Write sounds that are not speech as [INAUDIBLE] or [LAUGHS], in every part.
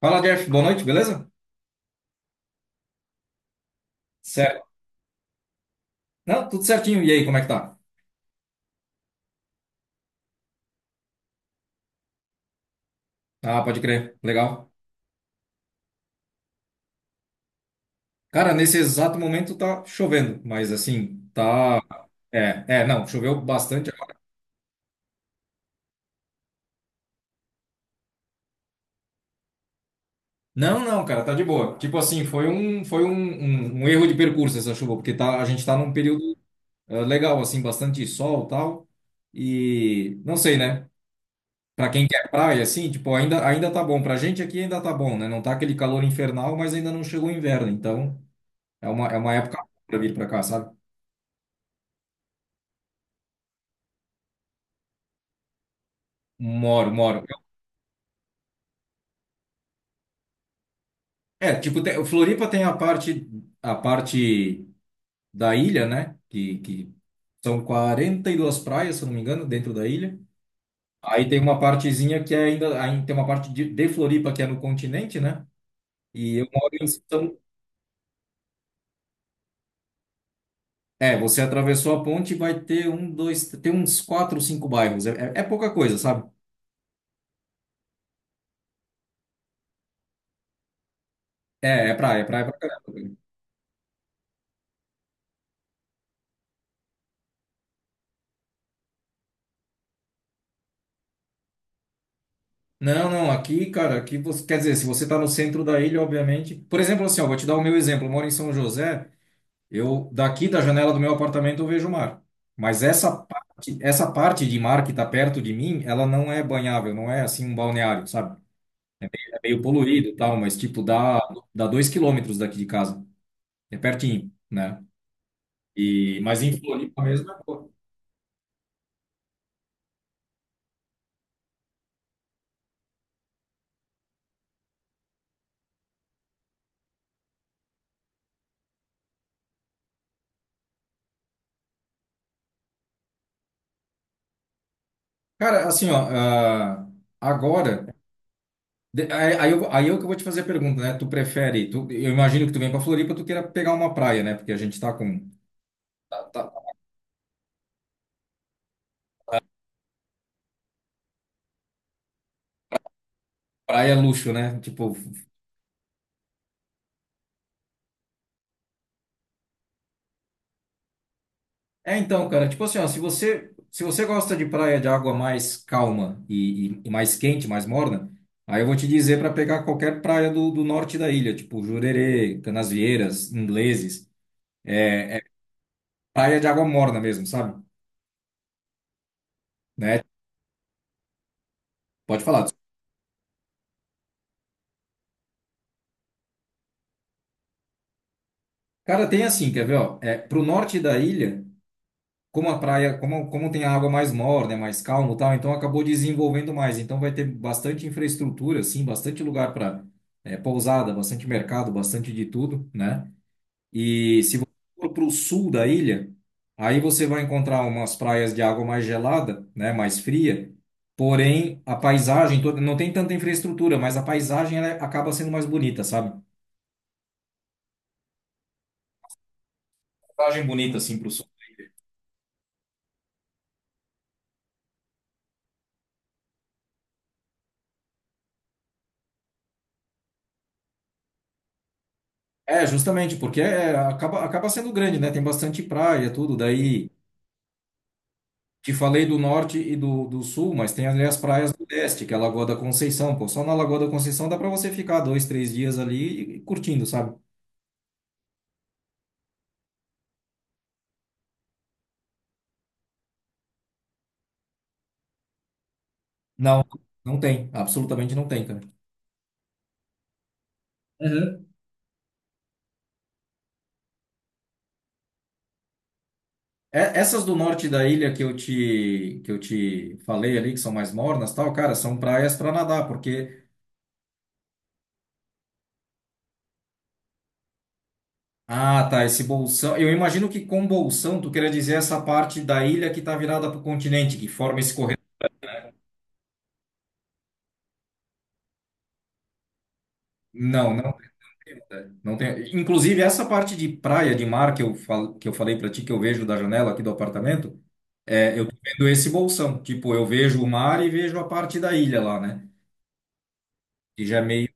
Fala, Jeff. Boa noite, beleza? Certo. Não, tudo certinho. E aí, como é que tá? Ah, pode crer. Legal. Cara, nesse exato momento tá chovendo, mas assim, tá. É, é, não, choveu bastante agora. Não, não, cara, tá de boa. Tipo assim, foi um erro de percurso essa chuva, porque tá, a gente tá num período legal, assim, bastante sol e tal. E não sei, né? Pra quem quer praia, assim, tipo, ainda tá bom. Pra gente aqui ainda tá bom, né? Não tá aquele calor infernal, mas ainda não chegou o inverno. Então, é uma época pra vir pra cá, sabe? Moro, moro. É, tipo, Floripa tem a parte da ilha, né? Que são 42 praias, se eu não me engano, dentro da ilha. Aí tem uma partezinha que é aí tem uma parte de Floripa que é no continente, né? E eu moro em São... É, você atravessou a ponte e vai ter um, dois, tem uns quatro, cinco bairros. É, é, é pouca coisa, sabe? É, é praia pra caramba. Não, não, aqui, cara, aqui você, quer dizer, se você tá no centro da ilha, obviamente. Por exemplo, assim, ó, vou te dar o meu exemplo. Eu moro em São José. Eu daqui da janela do meu apartamento eu vejo o mar. Mas essa parte de mar que está perto de mim, ela não é banhável, não é assim um balneário, sabe? É meio poluído e tal, mas tipo dá 2 km daqui de casa, é pertinho, né? E mas em Floripa mesmo é boa. Cara, assim ó, agora aí eu que vou te fazer a pergunta, né? Tu prefere? Tu, eu imagino que tu vem para Floripa, tu queira pegar uma praia, né? Porque a gente tá com tá- tá- praia é luxo, né? Tipo é, então, cara, tipo assim, ó, se você gosta de praia de água mais calma e mais quente, mais morna, aí eu vou te dizer para pegar qualquer praia do norte da ilha, tipo Jurerê, Canasvieiras, Ingleses, é praia de água morna mesmo, sabe? Né? Pode falar. Cara, tem assim, quer ver, ó, é, pro norte da ilha, como a praia, como tem a água mais morna, é mais calmo e tal, então acabou desenvolvendo mais, então vai ter bastante infraestrutura, assim, bastante lugar para pousada, bastante mercado, bastante de tudo, né? E se você for para o sul da ilha, aí você vai encontrar umas praias de água mais gelada, né, mais fria. Porém, a paisagem toda não tem tanta infraestrutura, mas a paisagem ela acaba sendo mais bonita, sabe? Paisagem bonita assim para o sul. É, justamente, porque é, acaba sendo grande, né? Tem bastante praia, tudo. Daí te falei do norte e do sul, mas tem ali as praias do leste, que é a Lagoa da Conceição. Pô, só na Lagoa da Conceição dá para você ficar dois, três dias ali e curtindo, sabe? Não, não tem, absolutamente não tem, cara. Uhum. Essas do norte da ilha que eu te, falei ali, que são mais mornas, tal, cara, são praias para nadar, porque. Ah, tá, esse bolsão. Eu imagino que com bolsão tu queria dizer essa parte da ilha que tá virada para o continente, que forma esse corredor. Não, não, tem. Né? Não tem. Inclusive, essa parte de praia, de mar que eu falei para ti, que eu vejo da janela aqui do apartamento, eu tô vendo esse bolsão. Tipo, eu vejo o mar e vejo a parte da ilha lá, né? Que já é meio.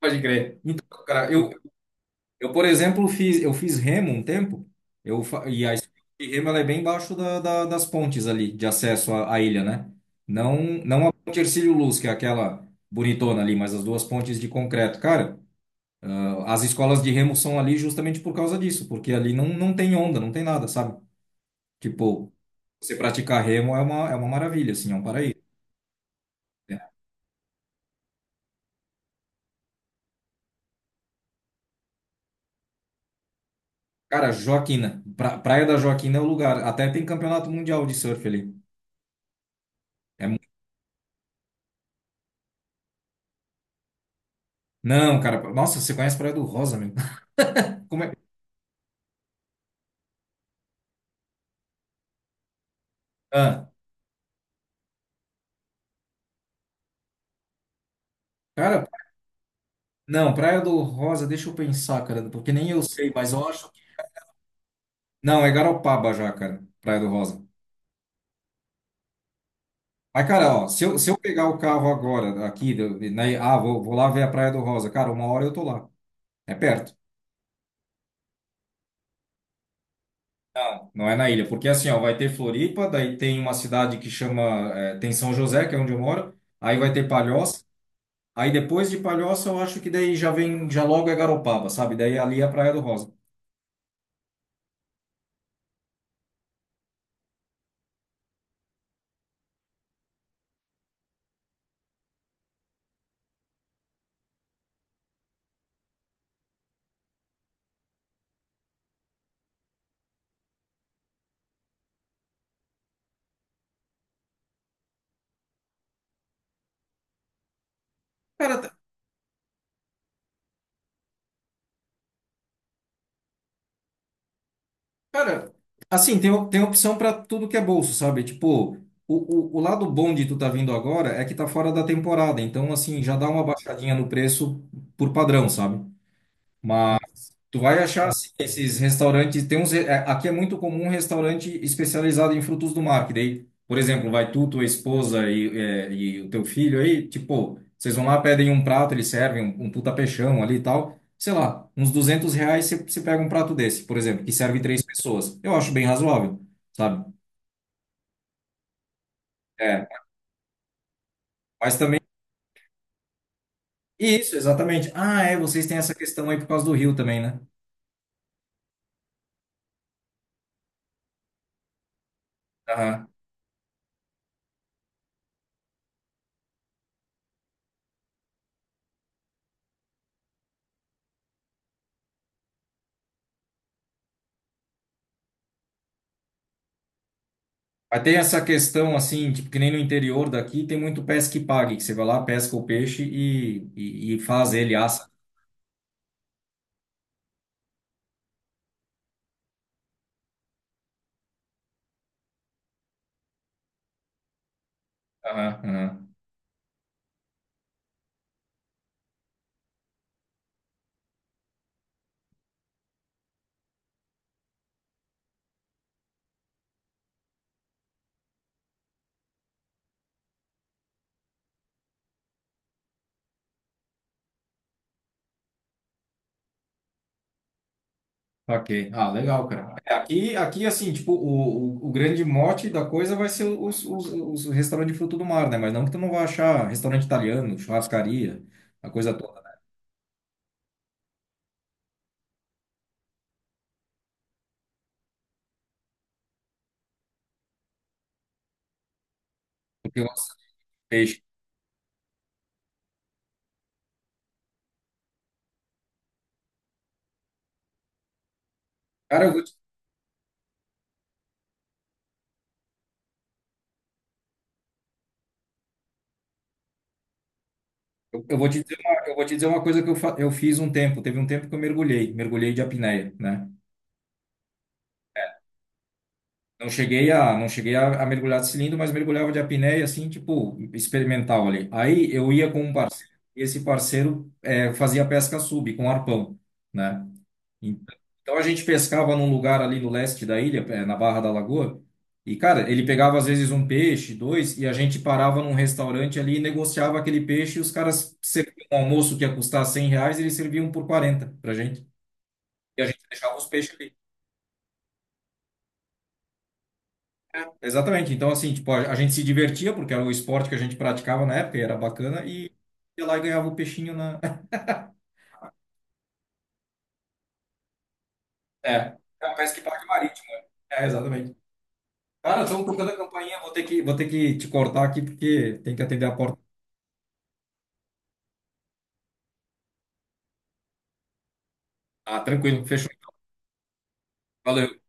Pode crer. Então, cara, eu, por exemplo, eu fiz remo um tempo, e a escola de remo ela é bem embaixo das pontes ali, de acesso à ilha, né? Não, não a ponte Hercílio Luz, que é aquela bonitona ali, mas as duas pontes de concreto. Cara, as escolas de remo são ali justamente por causa disso, porque ali não, não tem onda, não tem nada, sabe? Tipo, você praticar remo é uma maravilha, assim, é um paraíso. Né? Cara, Joaquina, Praia da Joaquina é o lugar, até tem campeonato mundial de surf ali. É mu- Não, cara, nossa, você conhece Praia do Rosa, meu? [LAUGHS] Ah, cara, não, Praia do Rosa, deixa eu pensar, cara, porque nem eu sei, mas eu acho que. Não, é Garopaba já, cara, Praia do Rosa. Mas, cara, ó, se eu pegar o carro agora, aqui, né, vou lá ver a Praia do Rosa, cara, uma hora eu tô lá. É perto, não é na ilha, porque assim, ó, vai ter Floripa, daí tem uma cidade que chama, tem São José, que é onde eu moro, aí vai ter Palhoça, aí depois de Palhoça eu acho que daí já vem, já logo é Garopaba, sabe? Daí ali é a Praia do Rosa. Cara, Cara, assim, tem opção para tudo que é bolso, sabe? Tipo, o lado bom de tu tá vindo agora é que tá fora da temporada, então, assim, já dá uma baixadinha no preço por padrão, sabe? Tu vai achar assim, esses restaurantes, tem uns, aqui é muito comum um restaurante especializado em frutos do mar, que daí, por exemplo, vai tu, tua esposa e o teu filho aí, tipo, vocês vão lá, pedem um prato, eles servem um, puta peixão ali e tal, sei lá, uns R$ 200 você pega um prato desse, por exemplo, que serve três pessoas. Eu acho bem razoável, sabe? É, mas também, isso, exatamente. Ah, é, vocês têm essa questão aí por causa do rio também, né? Aham. Mas tem essa questão assim, tipo, que nem no interior daqui tem muito pesca e pague, que você vai lá, pesca o peixe e faz ele, assa. Aham, aham. Ok. Ah, legal, cara. É, aqui, assim, tipo, o grande mote da coisa vai ser os, restaurantes de fruto do mar, né? Mas não que tu não vai achar restaurante italiano, churrascaria, a coisa toda. Porque gosta de peixe. Cara, eu vou te dizer uma coisa que eu, eu fiz um tempo. Teve um tempo que eu mergulhei, de apneia, né? Não cheguei a mergulhar de cilindro, mas mergulhava de apneia, assim, tipo, experimental ali. Aí eu ia com um parceiro, e esse parceiro fazia pesca sub, com arpão, né? Então, a gente pescava num lugar ali no leste da ilha, na Barra da Lagoa, e, cara, ele pegava às vezes um peixe, dois, e a gente parava num restaurante ali e negociava aquele peixe, e os caras serviam um almoço que ia custar R$ 100, eles serviam por 40 pra gente. E a gente deixava os peixes ali. Exatamente. Então, assim, tipo, a gente se divertia, porque era o esporte que a gente praticava na época, e era bacana, e ia lá e ganhava o peixinho na. [LAUGHS] É, um pesca e pague marítimo. É, exatamente. Cara, estão tocando a campainha, vou ter que te cortar aqui, porque tem que atender a porta. Ah, tranquilo, fechou. Valeu.